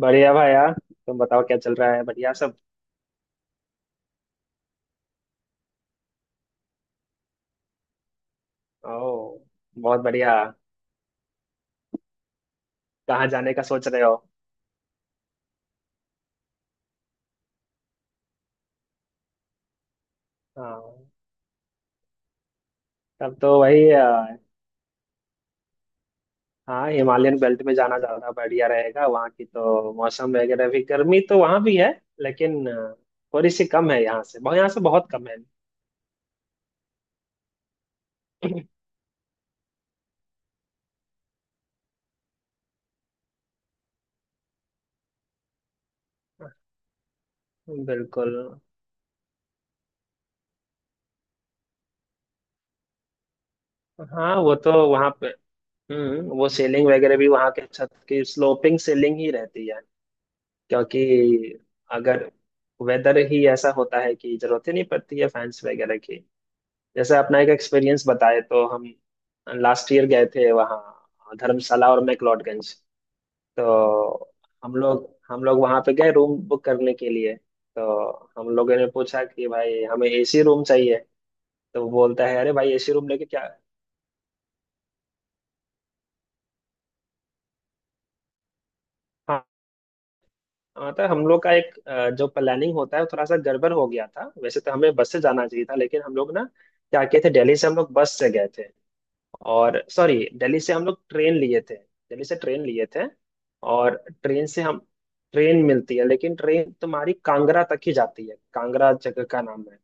बढ़िया भाई यार। तुम बताओ क्या चल रहा है? बढ़िया सब। ओ, बहुत बढ़िया। कहाँ जाने का सोच रहे हो? हाँ, तब तो वही हाँ, हिमालयन बेल्ट में जाना ज्यादा बढ़िया रहेगा। वहाँ की तो मौसम वगैरह भी, गर्मी तो वहाँ भी है, लेकिन थोड़ी सी कम है। यहाँ से बहुत कम है। बिल्कुल। हाँ, वो तो वहाँ पे। वो सेलिंग वगैरह भी वहाँ के छत की स्लोपिंग सेलिंग ही रहती है। क्योंकि, अगर वेदर ही ऐसा होता है कि जरूरत ही नहीं पड़ती है फैंस वगैरह की। जैसे अपना एक एक्सपीरियंस बताए, तो हम लास्ट ईयर गए थे वहाँ, धर्मशाला और मैक्लोडगंज। तो हम लोग वहाँ पे गए, रूम बुक करने के लिए। तो हम लोगों ने पूछा कि, भाई हमें एसी रूम चाहिए। तो वो बोलता है, अरे भाई एसी रूम लेके क्या। मतलब हम लोग का एक जो प्लानिंग होता है वो थोड़ा सा गड़बड़ हो गया था। वैसे तो हमें बस से जाना चाहिए था, लेकिन हम लोग ना क्या किए थे, दिल्ली से हम लोग बस से गए थे। और सॉरी, दिल्ली से हम लोग ट्रेन लिए थे, दिल्ली से ट्रेन लिए थे। और ट्रेन से हम ट्रेन मिलती है, लेकिन ट्रेन तुम्हारी कांगड़ा तक ही जाती है। कांगड़ा जगह का नाम है।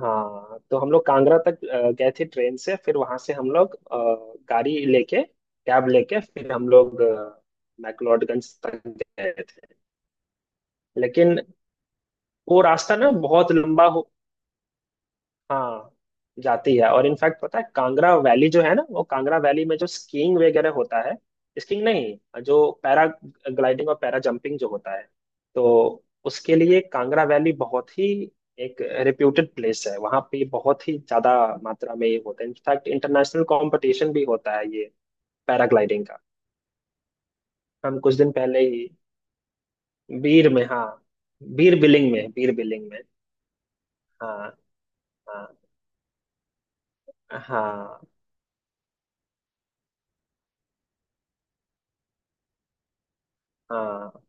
हाँ, तो हम लोग कांगड़ा तक गए थे ट्रेन से, फिर वहां से हम लोग अ, गाड़ी लेके कैब लेके फिर हम लोग मैक्लोडगंज तक गए थे। लेकिन वो रास्ता ना बहुत लंबा हो। हाँ, जाती है। और इनफैक्ट पता है, कांगड़ा वैली जो है ना, वो कांगड़ा वैली में जो स्कीइंग वगैरह होता है। स्कीइंग नहीं, जो पैरा ग्लाइडिंग और पैरा जंपिंग जो होता है, तो उसके लिए कांगड़ा वैली बहुत ही एक रिप्यूटेड प्लेस है। वहाँ पे बहुत ही ज्यादा मात्रा में ये होता है। इनफैक्ट इंटरनेशनल कंपटीशन भी होता है ये, पैराग्लाइडिंग का। हम कुछ दिन पहले ही। बीर में, हाँ। बीर बिलिंग में। बीर बिलिंग में। हाँ, हाँ, हाँ, हाँ।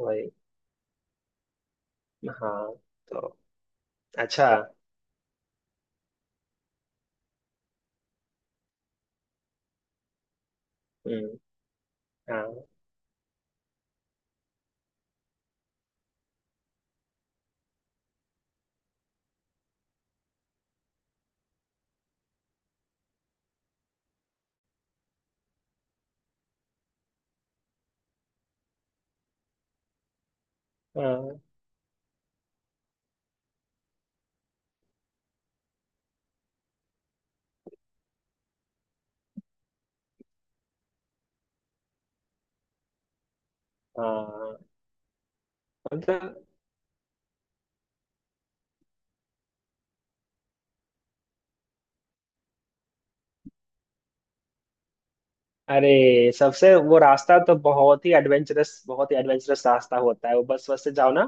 वही। हाँ। तो अच्छा। हम्म। हाँ, हाँ, हाँ। मतलब। अरे, सबसे वो रास्ता तो बहुत ही एडवेंचरस, बहुत ही एडवेंचरस रास्ता होता है वो। बस, बस से जाओ ना,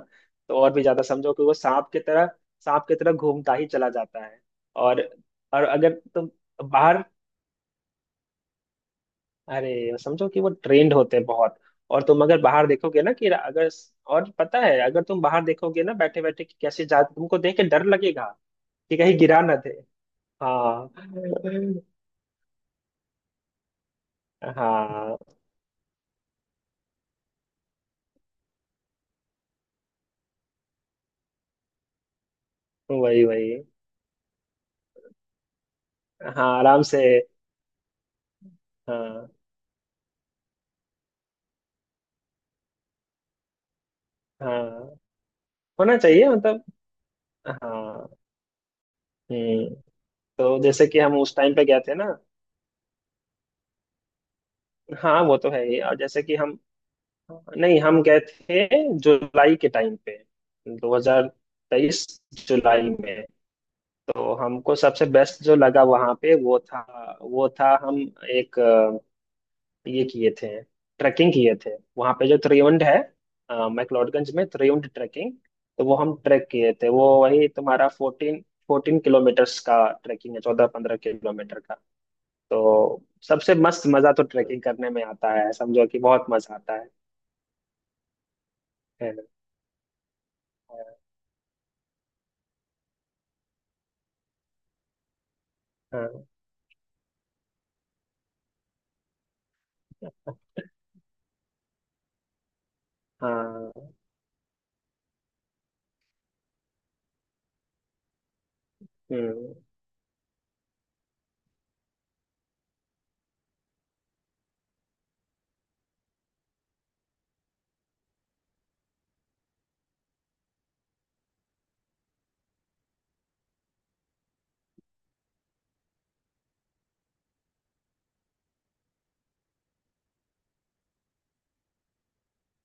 तो और भी ज्यादा। समझो कि वो सांप की तरह, सांप की तरह घूमता ही चला जाता है। और और अगर तुम बाहर अरे समझो कि वो ट्रेंड होते हैं बहुत। और तुम अगर बाहर देखोगे ना कि, अगर, और पता है, अगर तुम बाहर देखोगे ना बैठे बैठे, कि कैसे जा, तुमको देख के डर लगेगा, कि कहीं गिरा ना दे। हाँ, हाँ। वही, वही। हाँ, आराम से। हाँ। हाँ, होना चाहिए मतलब। हाँ। हम्म तो जैसे कि हम उस टाइम पे गए थे ना। हाँ, वो तो है ही। और जैसे कि हम, नहीं, हम गए थे जुलाई के टाइम पे, 2023 जुलाई में। तो हमको सबसे बेस्ट जो लगा वहाँ पे, वो था हम एक ये किए थे, ट्रैकिंग किए थे, वहां पे जो त्रियुंड है। मैक्लोडगंज में त्रियुंड ट्रैकिंग। तो वो हम ट्रैक किए थे, वो वही तुम्हारा फोर्टीन फोर्टीन किलोमीटर्स का ट्रैकिंग है, 14-15 किलोमीटर का। तो सबसे मस्त मजा तो ट्रैकिंग करने में आता है, समझो कि बहुत मजा आता है। है ना? हाँ, हाँ। हम्म,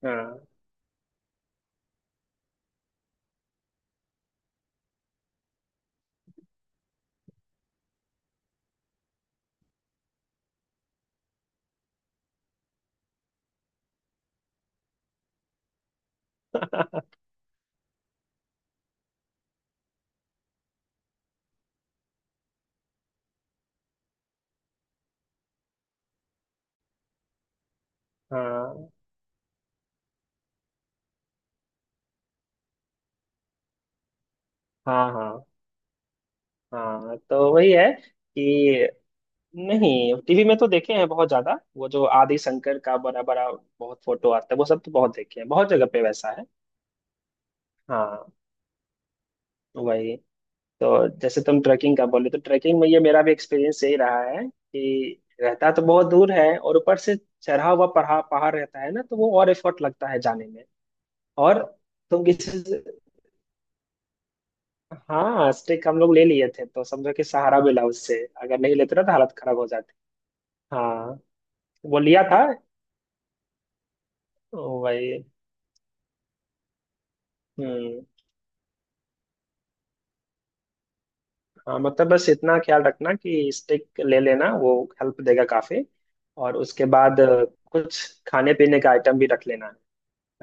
हाँ। हाँ, हाँ, हाँ, हाँ। तो वही है कि, नहीं, टीवी में तो देखे हैं बहुत ज्यादा। वो जो आदि शंकर का बड़ा बड़ा बहुत फोटो आता है, वो सब तो बहुत देखे हैं, बहुत जगह पे वैसा है। हाँ। वही। तो जैसे तुम ट्रैकिंग का बोले, तो ट्रैकिंग में ये मेरा भी एक्सपीरियंस यही रहा है कि, रहता तो बहुत दूर है, और ऊपर से चढ़ा हुआ पहाड़, पहाड़ रहता है ना, तो वो और एफर्ट लगता है जाने में। और तुम किसी से- हाँ, स्टिक हम लोग ले लिए थे, तो समझो कि सहारा मिला उससे। अगर नहीं लेते ना, तो हालत खराब हो जाती। हाँ, वो लिया था। वही। हम्म। हाँ, मतलब बस इतना ख्याल रखना कि स्टिक ले लेना, वो हेल्प देगा काफी। और उसके बाद कुछ खाने पीने का आइटम भी रख लेना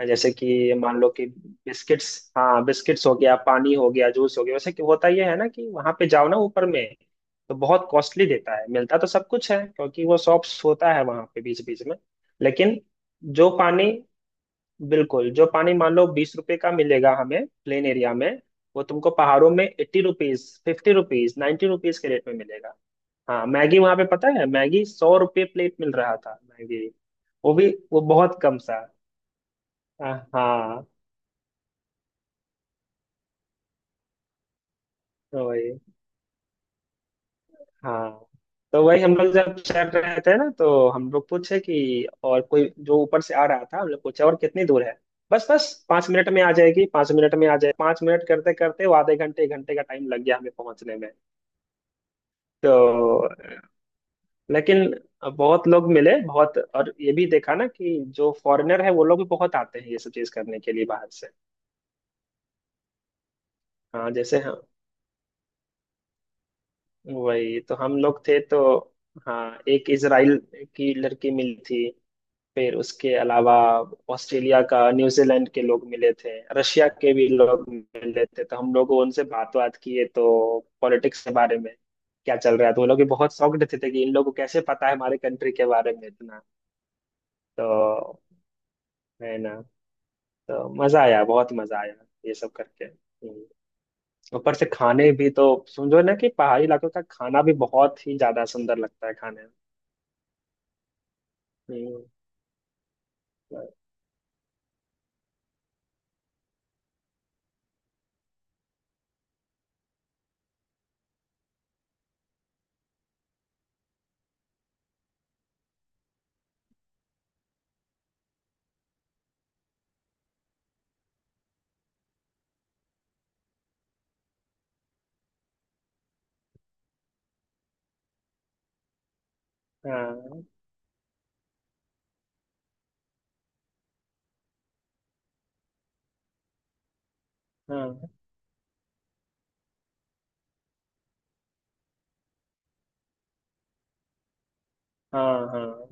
है। जैसे कि मान लो कि, बिस्किट्स। हाँ, बिस्किट्स हो गया, पानी हो गया, जूस हो गया। वैसे कि होता यह है ना, कि वहां पे जाओ ना ऊपर में, तो बहुत कॉस्टली देता है। मिलता तो सब कुछ है, क्योंकि वो शॉप्स होता है वहां पे, बीच बीच में। लेकिन जो पानी, बिल्कुल, जो पानी मान लो 20 रुपए का मिलेगा हमें प्लेन एरिया में, वो तुमको पहाड़ों में 80 रुपीज, 50 रुपीज, 90 रुपीज के रेट में मिलेगा। हाँ, मैगी वहां पे, पता है, मैगी 100 रुपये प्लेट मिल रहा था मैगी। वो भी वो बहुत कम सा। हाँ, हाँ। तो वही। हाँ। तो वही हम लोग जब चल रहे थे ना, तो हम लोग पूछे कि, और कोई जो ऊपर से आ रहा था, हम लोग पूछे, और कितनी दूर है। बस, बस 5 मिनट में आ जाएगी, 5 मिनट में आ जाए, 5 मिनट करते करते वो आधे घंटे, 1 घंटे का टाइम लग गया हमें पहुंचने में। तो, लेकिन बहुत लोग मिले, बहुत। और ये भी देखा ना कि, जो फॉरेनर है वो लोग भी बहुत आते हैं ये सब चीज करने के लिए बाहर से। हाँ, जैसे, हाँ, वही तो। हम लोग थे, तो हाँ, एक इजराइल की लड़की मिली थी। फिर उसके अलावा ऑस्ट्रेलिया का, न्यूजीलैंड के लोग मिले थे। रशिया के भी लोग मिले थे, तो हम लोग उनसे बात बात किए, तो पॉलिटिक्स के बारे में क्या चल रहा है। तो वो लोग भी बहुत शॉक्ड थे कि, इन लोगों को कैसे पता है हमारे कंट्री के बारे में इतना। तो, है ना। तो मजा आया, बहुत मजा आया ये सब करके। हम्म। ऊपर से खाने भी तो समझो ना, कि पहाड़ी इलाकों का खाना भी बहुत ही ज्यादा सुंदर लगता है खाने में। हम्म। हाँ, हाँ, हाँ, हाँ।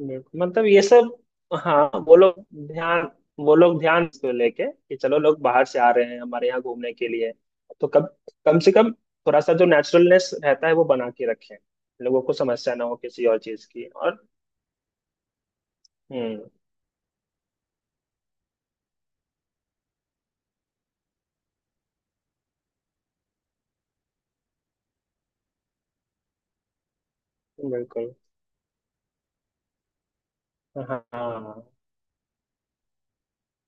बिल्कुल। मतलब ये सब, हाँ, ध्यान वो लोग ध्यान को लेके कि, चलो लोग बाहर से आ रहे हैं हमारे यहाँ घूमने के लिए, तो कम कम से कम थोड़ा सा जो नेचुरलनेस रहता है वो बना के रखें, लोगों को समस्या ना हो किसी और चीज की। और हम्म, बिल्कुल। हाँ, हाँ, हाँ।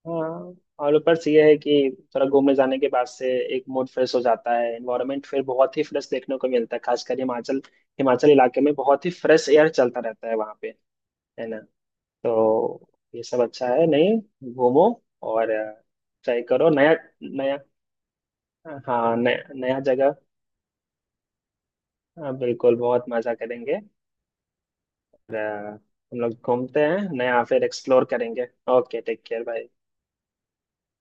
हाँ। और ऊपर से ये है कि, थोड़ा घूमने जाने के बाद से एक मूड फ्रेश हो जाता है, एनवायरनमेंट फिर बहुत ही फ्रेश देखने को मिलता है, खासकर हिमाचल। हिमाचल इलाके में बहुत ही फ्रेश एयर चलता रहता है वहाँ पे। है ना? तो ये सब अच्छा है। नहीं, घूमो, और ट्राई करो नया, नया। हाँ, नया, नया जगह। हाँ, बिल्कुल, बहुत मजा करेंगे। और, हम लोग घूमते हैं नया, फिर एक्सप्लोर करेंगे। ओके, टेक केयर भाई।